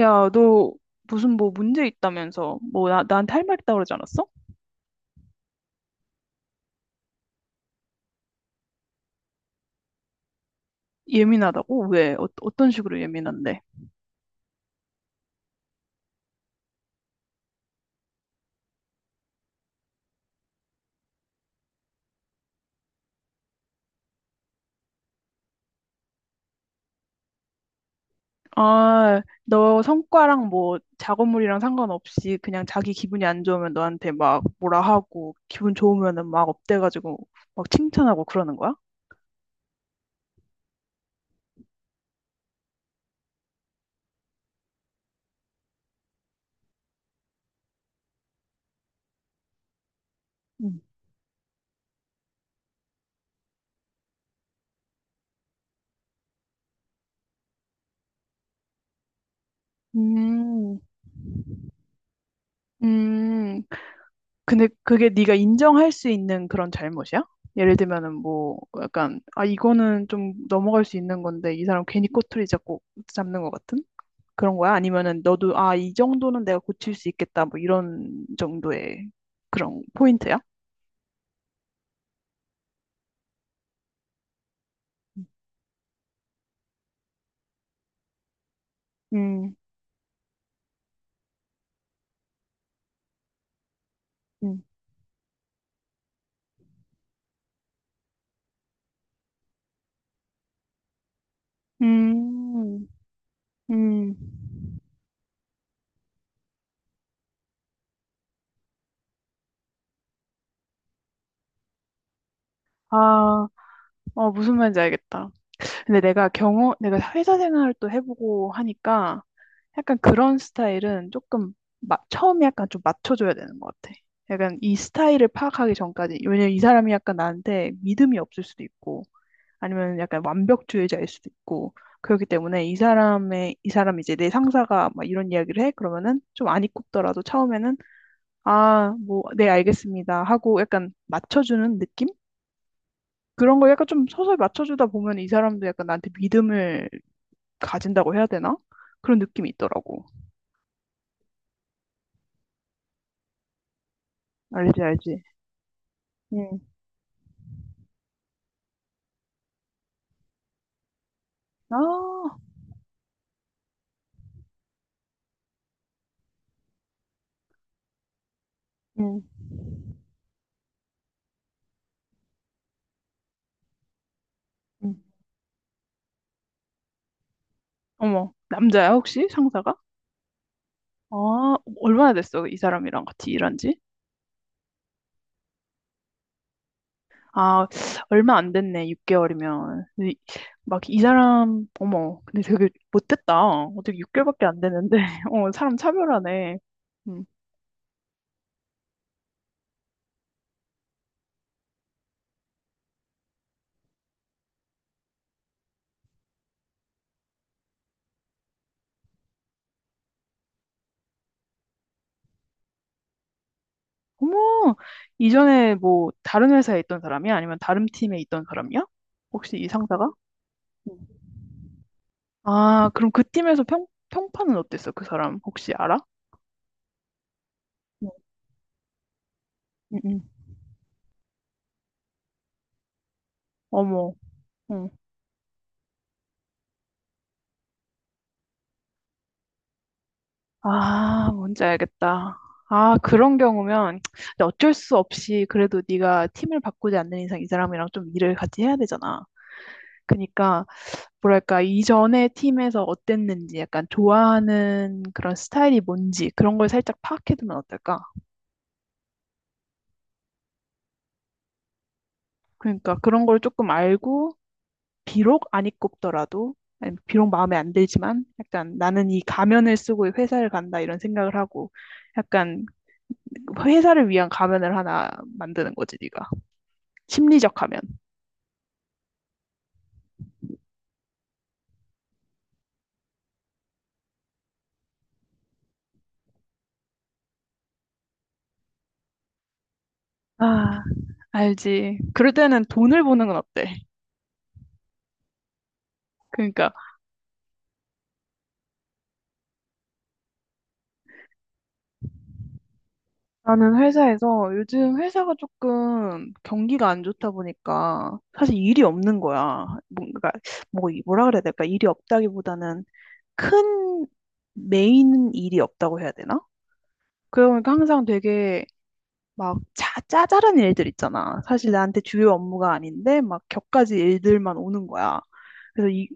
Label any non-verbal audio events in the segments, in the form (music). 야, 너 무슨 뭐 문제 있다면서 뭐 나한테 할 말 있다 그러지 않았어? 예민하다고? 왜? 어떤 식으로 예민한데? 아, 너 성과랑 뭐 작업물이랑 상관없이 그냥 자기 기분이 안 좋으면 너한테 막 뭐라 하고 기분 좋으면은 막 업돼가지고 막 칭찬하고 그러는 거야? 음, 음, 음, 근데 그게 네가 인정할 수 있는 그런 잘못이야? 예를 들면은 뭐 약간 아 이거는 좀 넘어갈 수 있는 건데 이 사람 괜히 꼬투리 잡고 잡는 것 같은 그런 거야? 아니면은 너도 아 이 정도는 내가 고칠 수 있겠다 뭐 이런 정도의 그런 포인트야? 음, 음, 음, 음. 아, 무슨 말인지 알겠다. 근데 내가 경험, 내가 회사 생활을 또 해보고 하니까 약간 그런 스타일은 조금 처음에 약간 좀 맞춰줘야 되는 것 같아. 약간 이 스타일을 파악하기 전까지, 왜냐면 이 사람이 약간 나한테 믿음이 없을 수도 있고, 아니면 약간 완벽주의자일 수도 있고, 그렇기 때문에 이 사람의, 이 사람 이제 내 상사가 막 이런 이야기를 해? 그러면은 좀 안 입굽더라도 처음에는, 아, 뭐, 네, 알겠습니다. 하고 약간 맞춰주는 느낌? 그런 걸 약간 좀 서서히 맞춰주다 보면 이 사람도 약간 나한테 믿음을 가진다고 해야 되나? 그런 느낌이 있더라고. 알지, 알지. 음. 아, 음, 음. 어머, 남자야, 혹시 상사가? 아, 얼마나 됐어, 이 사람이랑 같이 일한 지? 아, 얼마 안 됐네, 6개월이면. 막 이 사람, 어머, 근데 되게 못됐다. 어떻게 6개월밖에 안 됐는데, (laughs) 어, 사람 차별하네. 음. 어머, 이전에 뭐 다른 회사에 있던 사람이야? 아니면 다른 팀에 있던 사람이야? 혹시 이 상사가? 음. 아, 그럼 그 팀에서 평판은 어땠어, 그 사람? 혹시 알아? 음, 음, 음. 어머. 응. 아, 뭔지 알겠다. 아, 그런 경우면 근데 어쩔 수 없이 그래도 네가 팀을 바꾸지 않는 이상 이 사람이랑 좀 일을 같이 해야 되잖아. 그러니까 뭐랄까 이전의 팀에서 어땠는지 약간 좋아하는 그런 스타일이 뭔지 그런 걸 살짝 파악해두면 어떨까? 그러니까 그런 걸 조금 알고 비록 안 입고 더라도 아니, 비록 마음에 안 들지만 약간 나는 이 가면을 쓰고 이 회사를 간다 이런 생각을 하고 약간 회사를 위한 가면을 하나 만드는 거지 네가. 심리적 하면. 아, 알지. 그럴 때는 돈을 버는 건 어때? 그러니까 나는 회사에서 요즘 회사가 조금 경기가 안 좋다 보니까 사실 일이 없는 거야. 뭔가 뭐 뭐라 그래야 될까? 일이 없다기보다는 큰 메인 일이 없다고 해야 되나? 그러니까 항상 되게 막 짜잘한 일들 있잖아. 사실 나한테 주요 업무가 아닌데 막 격가지 일들만 오는 거야. 그래서 이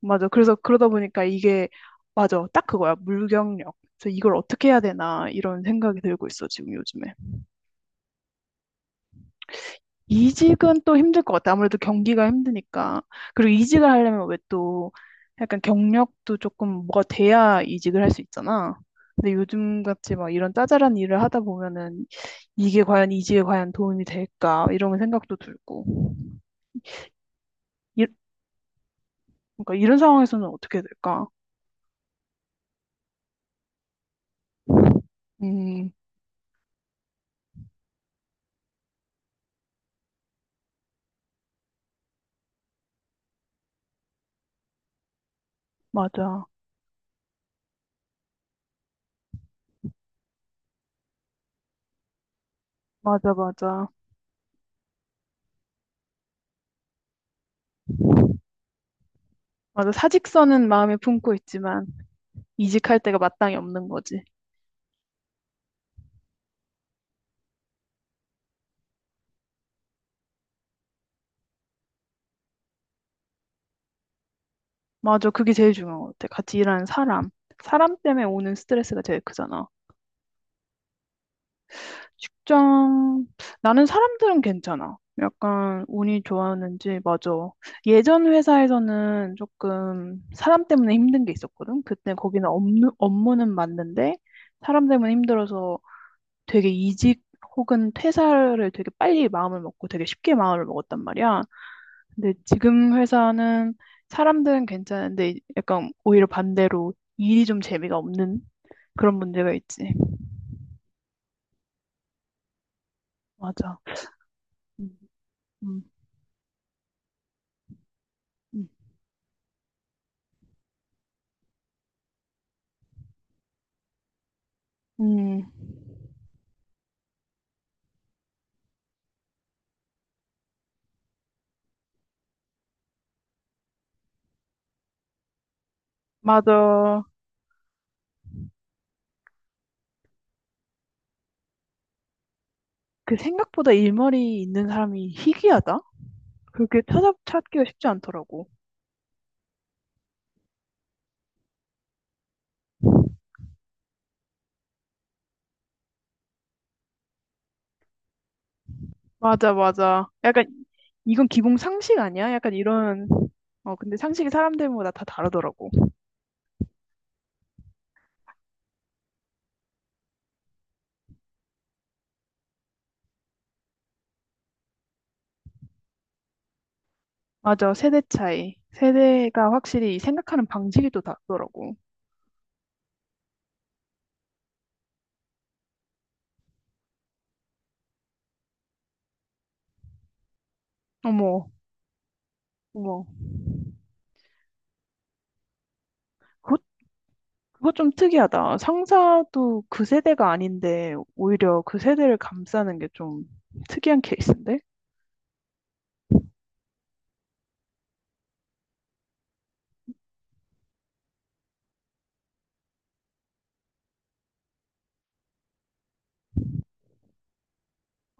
맞아. 그래서 그러다 보니까 이게 맞아. 딱 그거야. 물경력. 그래서 이걸 어떻게 해야 되나 이런 생각이 들고 있어 지금 요즘에. 이직은 또 힘들 것 같아. 아무래도 경기가 힘드니까. 그리고 이직을 하려면 왜 또 약간 경력도 조금 뭐가 돼야 이직을 할 수 있잖아. 근데 요즘 같이 막 이런 짜잘한 일을 하다 보면은 이게 과연 이직에 과연 도움이 될까 이런 생각도 들고. 이, 그러니까 이런 상황에서는 어떻게 될까? 음, 맞아. 맞아, 맞아. 맞아. 사직서는 마음에 품고 있지만 이직할 때가 마땅히 없는 거지. 맞아. 그게 제일 중요한 것 같아. 같이 일하는 사람. 사람 때문에 오는 스트레스가 제일 크잖아. 직장, 나는 사람들은 괜찮아. 약간 운이 좋았는지, 맞아. 예전 회사에서는 조금 사람 때문에 힘든 게 있었거든. 그때 거기는 업무, 업무는 맞는데 사람 때문에 힘들어서 되게 이직 혹은 퇴사를 되게 빨리 마음을 먹고 되게 쉽게 마음을 먹었단 말이야. 근데 지금 회사는 사람들은 괜찮은데 약간 오히려 반대로 일이 좀 재미가 없는 그런 문제가 있지. 맞아. 음, 음, 음. 음, 맞아. 그 생각보다 일머리 있는 사람이 희귀하다? 그렇게 찾기가 쉽지 않더라고. 맞아, 맞아. 약간 이건 기본 상식 아니야? 약간 이런, 어, 근데 상식이 사람들마다 다 다르더라고. 맞아, 세대 차이. 세대가 확실히 생각하는 방식이 또 다르더라고. 어머, 어머. 그거, 그거 좀 특이하다. 상사도 그 세대가 아닌데 오히려 그 세대를 감싸는 게 좀 특이한 케이스인데?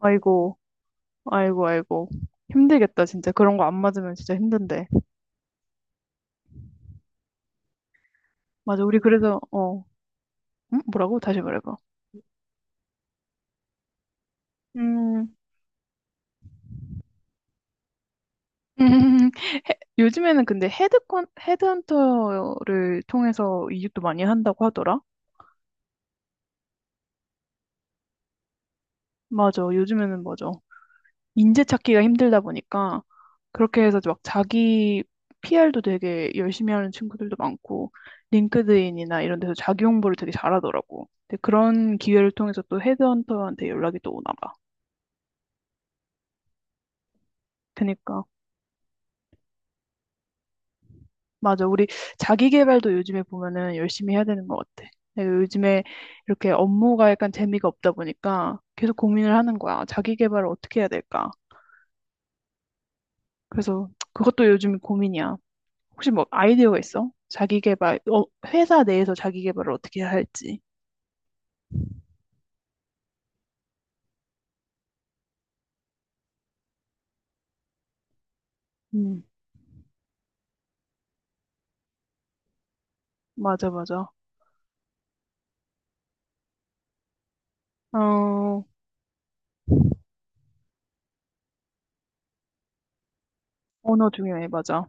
아이고, 아이고, 아이고. 힘들겠다, 진짜. 그런 거 안 맞으면 진짜 힘든데. 맞아, 우리 그래서, 어, 음? 뭐라고? 다시 말해봐. 음, 음, (laughs) 요즘에는 근데 헤드헌터를 통해서 이직도 많이 한다고 하더라? 맞아, 요즘에는 맞아. 인재 찾기가 힘들다 보니까 그렇게 해서 막 자기 PR도 되게 열심히 하는 친구들도 많고, 링크드인이나 이런 데서 자기 홍보를 되게 잘하더라고. 근데 그런 기회를 통해서 또 헤드헌터한테 연락이 또 오나 봐. 그니까. 맞아. 우리 자기 개발도 요즘에 보면은 열심히 해야 되는 것 같아. 내가 요즘에 이렇게 업무가 약간 재미가 없다 보니까 계속 고민을 하는 거야. 자기 개발을 어떻게 해야 될까? 그래서 그것도 요즘 고민이야. 혹시 뭐 아이디어가 있어? 자기 개발, 회사 내에서 자기 개발을 어떻게 해야 할지. 음. 맞아, 맞아. 어, 언어 중요해, 맞아.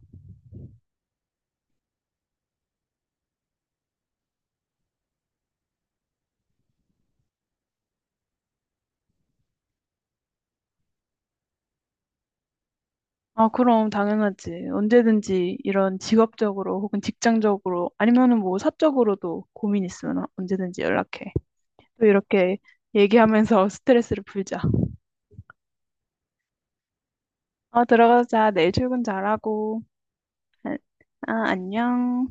아, 그럼 당연하지. 언제든지 이런 직업적으로 혹은 직장적으로 아니면은 뭐 사적으로도 고민 있으면 언제든지 연락해. 또 이렇게 얘기하면서 (laughs) 스트레스를 풀자. 아, 들어가자. 내일 출근 잘하고. 아, 아, 안녕.